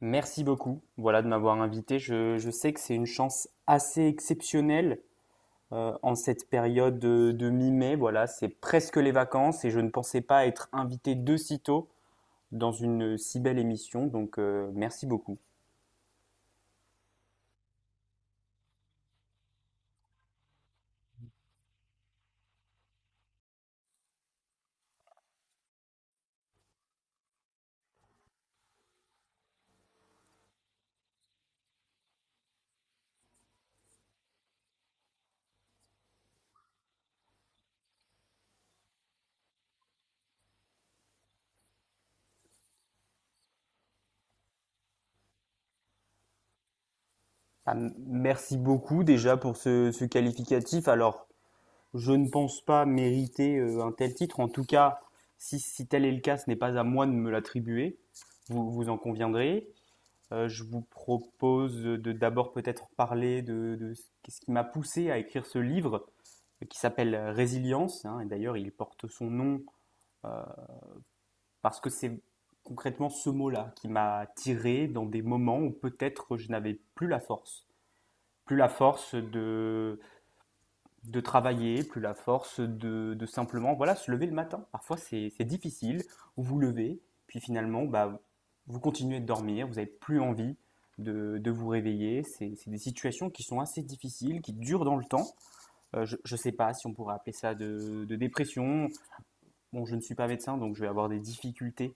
Merci beaucoup, voilà, de m'avoir invité. Je sais que c'est une chance assez exceptionnelle en cette période de mi-mai. Voilà, c'est presque les vacances et je ne pensais pas être invité de si tôt dans une si belle émission. Donc, merci beaucoup. Ah, merci beaucoup déjà pour ce qualificatif. Alors, je ne pense pas mériter un tel titre. En tout cas, si tel est le cas, ce n'est pas à moi de me l'attribuer. Vous, vous en conviendrez. Je vous propose de d'abord peut-être parler de ce qu'est-ce qui m'a poussé à écrire ce livre qui s'appelle Résilience. Hein, et d'ailleurs, il porte son nom euh, parce que c'est concrètement ce mot-là qui m'a tiré dans des moments où peut-être je n'avais plus la force. Plus la force de travailler, plus la force de simplement voilà, se lever le matin. Parfois, c'est difficile. Vous vous levez, puis finalement, bah, vous continuez de dormir, vous n'avez plus envie de vous réveiller. C'est des situations qui sont assez difficiles, qui durent dans le temps. Je ne sais pas si on pourrait appeler ça de dépression. Bon, je ne suis pas médecin, donc je vais avoir des difficultés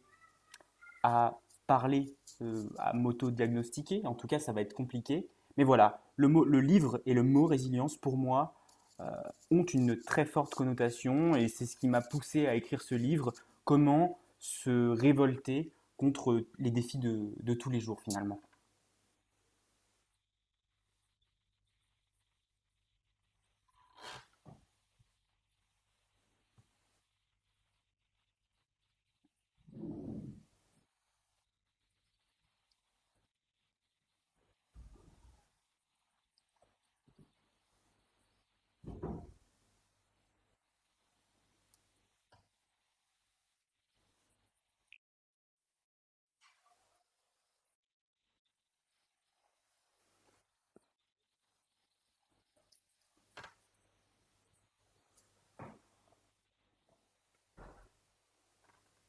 à parler, à m'auto-diagnostiquer. En tout cas, ça va être compliqué. Mais voilà, mot, le livre et le mot résilience, pour moi, euh, ont une très forte connotation et c'est ce qui m'a poussé à écrire ce livre. Comment se révolter contre les défis de tous les jours, finalement.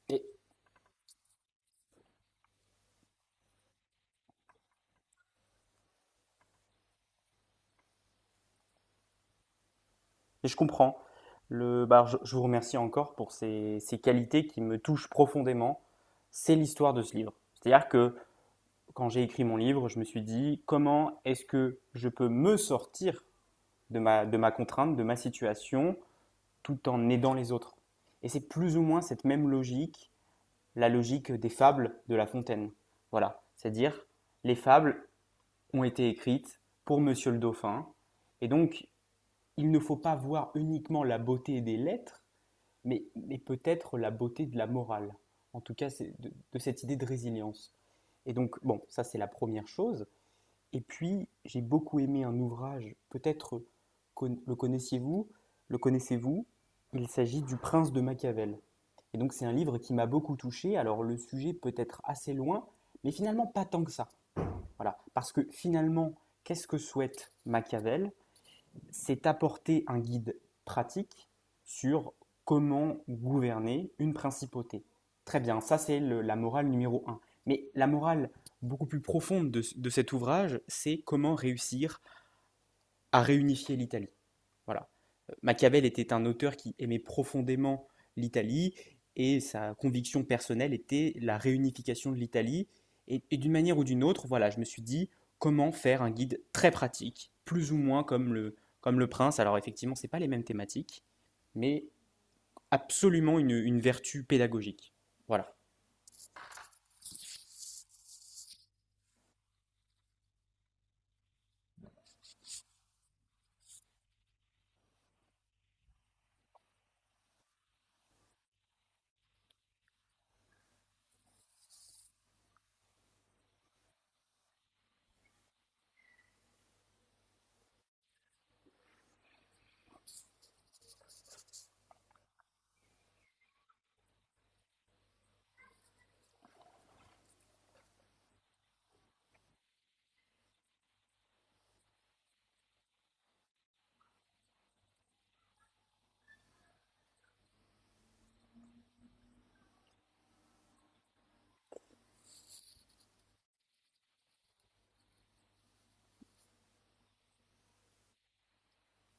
Et, et je comprends. Bah, je, vous remercie encore pour ces qualités qui me touchent profondément. C'est l'histoire de ce livre. C'est-à-dire que quand j'ai écrit mon livre, je me suis dit comment est-ce que je peux me sortir de ma contrainte, de ma situation, tout en aidant les autres. Et c'est plus ou moins cette même logique, la logique des fables de La Fontaine. Voilà, c'est-à-dire les fables ont été écrites pour Monsieur le Dauphin, et donc il ne faut pas voir uniquement la beauté des lettres, mais peut-être la beauté de la morale, en tout cas c'est de cette idée de résilience. Et donc, bon, ça c'est la première chose. Et puis, j'ai beaucoup aimé un ouvrage, peut-être le connaissiez-vous, le connaissez-vous, il s'agit du Prince de Machiavel. Et donc c'est un livre qui m'a beaucoup touché, alors le sujet peut être assez loin, mais finalement pas tant que ça. Voilà, parce que finalement, qu'est-ce que souhaite Machiavel, c'est apporter un guide pratique sur comment gouverner une principauté. Très bien, ça c'est la morale numéro un. Mais la morale beaucoup plus profonde de cet ouvrage, c'est comment réussir à réunifier l'Italie. Voilà. Machiavel était un auteur qui aimait profondément l'Italie et sa conviction personnelle était la réunification de l'Italie. Et d'une manière ou d'une autre, voilà, je me suis dit comment faire un guide très pratique, plus ou moins comme le prince. Alors effectivement, c'est pas les mêmes thématiques, mais absolument une vertu pédagogique. Voilà.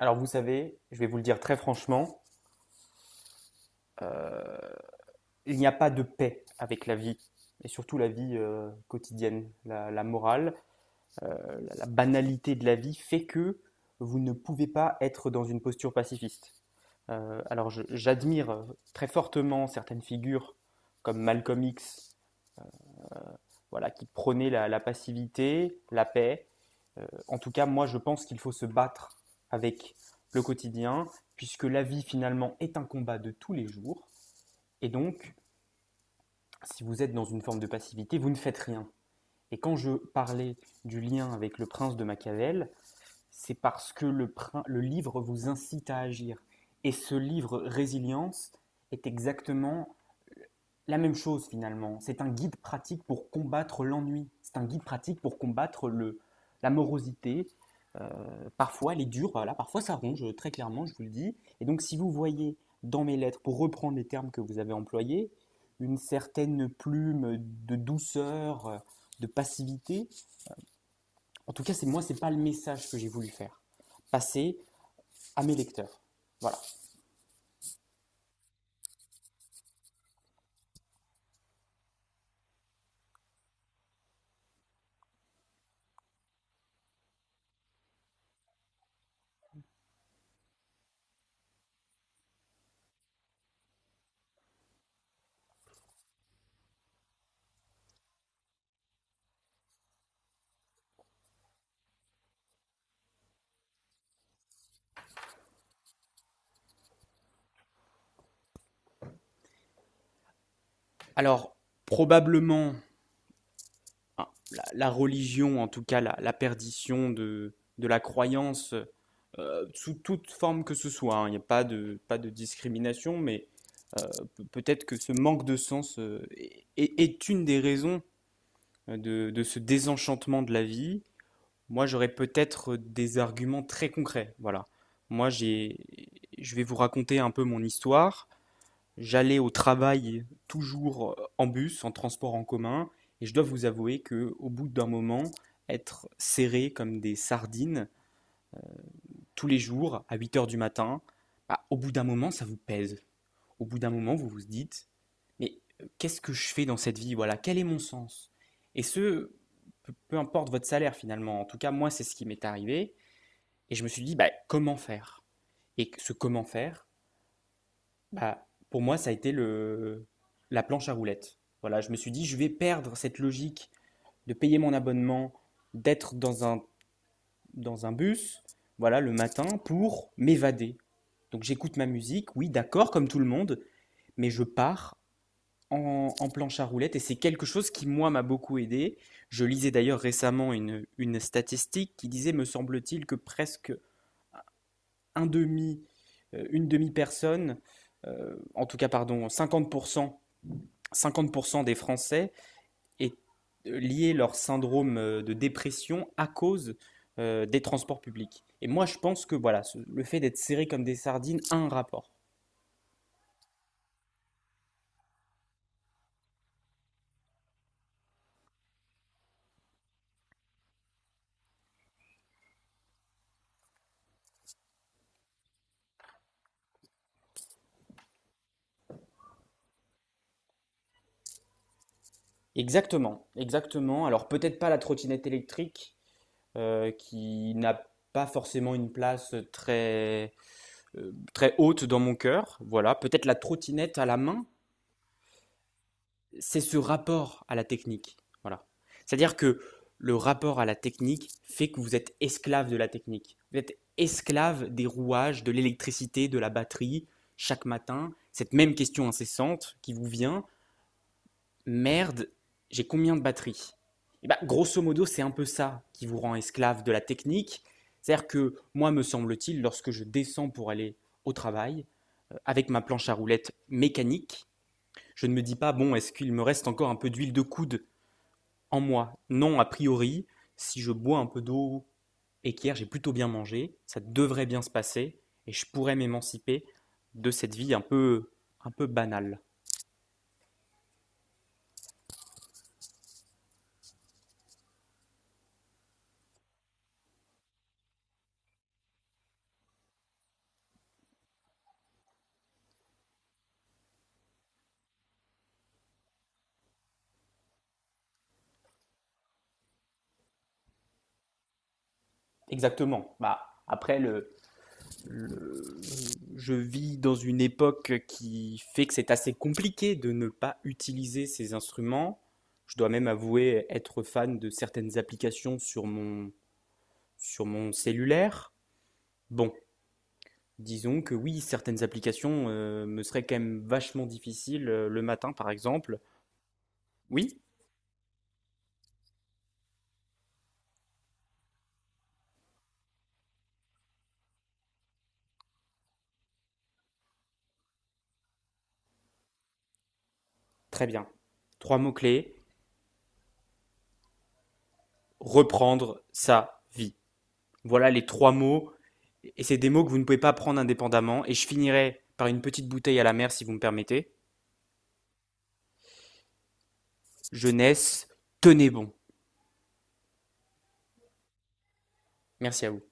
Alors vous savez, je vais vous le dire très franchement, euh, il n'y a pas de paix avec la vie, et surtout la vie quotidienne, la morale. La banalité de la vie fait que vous ne pouvez pas être dans une posture pacifiste. Alors j'admire très fortement certaines figures comme Malcolm X, voilà, qui prônaient la passivité, la paix. En tout cas, moi je pense qu'il faut se battre avec le quotidien, puisque la vie finalement est un combat de tous les jours. Et donc, si vous êtes dans une forme de passivité, vous ne faites rien. Et quand je parlais du lien avec le prince de Machiavel, c'est parce que le livre vous incite à agir. Et ce livre Résilience est exactement la même chose finalement. C'est un guide pratique pour combattre l'ennui. C'est un guide pratique pour combattre le, la morosité. Euh, Parfois, elle est dure, voilà, parfois ça ronge, très clairement, je vous le dis. Et donc, si vous voyez dans mes lettres, pour reprendre les termes que vous avez employés, une certaine plume de douceur, de passivité, en tout cas, c'est moi, c'est pas le message que j'ai voulu faire passer à mes lecteurs. Voilà. Alors, probablement, hein, la religion, en tout cas, la perdition de la croyance sous toute forme que ce soit. Hein, il n'y a pas de discrimination, mais peut-être que ce manque de sens est une des raisons de ce désenchantement de la vie. Moi, j'aurais peut-être des arguments très concrets. Voilà. Moi, je vais vous raconter un peu mon histoire. J'allais au travail toujours en bus, en transport en commun, et je dois vous avouer que, au bout d'un moment, être serré comme des sardines tous les jours à 8 h du matin, bah, au bout d'un moment, ça vous pèse. Au bout d'un moment, vous vous dites, mais qu'est-ce que je fais dans cette vie? Voilà, quel est mon sens? Et peu importe votre salaire finalement. En tout cas, moi, c'est ce qui m'est arrivé. Et je me suis dit, bah, comment faire? Et ce comment faire, bah, pour moi, ça a été le, la planche à roulettes. Voilà, je me suis dit, je vais perdre cette logique de payer mon abonnement, d'être dans un bus, voilà, le matin, pour m'évader. Donc j'écoute ma musique, oui, d'accord, comme tout le monde, mais je pars en planche à roulettes et c'est quelque chose qui, moi, m'a beaucoup aidé. Je lisais d'ailleurs récemment une statistique qui disait, me semble-t-il, que presque un demi, une demi-personne, en tout cas, pardon, 50 % 50 % des Français aient lié leur syndrome de dépression à cause des transports publics. Et moi, je pense que voilà, le fait d'être serré comme des sardines a un rapport. Exactement, exactement. Alors peut-être pas la trottinette électrique qui n'a pas forcément une place très très haute dans mon cœur. Voilà, peut-être la trottinette à la main. C'est ce rapport à la technique. Voilà. C'est-à-dire que le rapport à la technique fait que vous êtes esclave de la technique. Vous êtes esclave des rouages, de l'électricité, de la batterie. Chaque matin, cette même question incessante qui vous vient, merde, j'ai combien de batterie? Eh bah, grosso modo, c'est un peu ça qui vous rend esclave de la technique. C'est-à-dire que moi, me semble-t-il, lorsque je descends pour aller au travail, avec ma planche à roulettes mécanique, je ne me dis pas, bon, est-ce qu'il me reste encore un peu d'huile de coude en moi. Non, a priori, si je bois un peu d'eau et qu'hier j'ai plutôt bien mangé, ça devrait bien se passer et je pourrais m'émanciper de cette vie un peu banale. Exactement. Bah, après, le- je vis dans une époque qui fait que c'est assez compliqué de ne pas utiliser ces instruments. Je dois même avouer être fan de certaines applications sur mon cellulaire. Bon, disons que oui, certaines applications me seraient quand même vachement difficiles le matin, par exemple. Oui, très bien. Trois mots-clés. Reprendre sa vie. Voilà les trois mots. Et c'est des mots que vous ne pouvez pas prendre indépendamment. Et je finirai par une petite bouteille à la mer, si vous me permettez. Jeunesse, tenez bon. Merci à vous.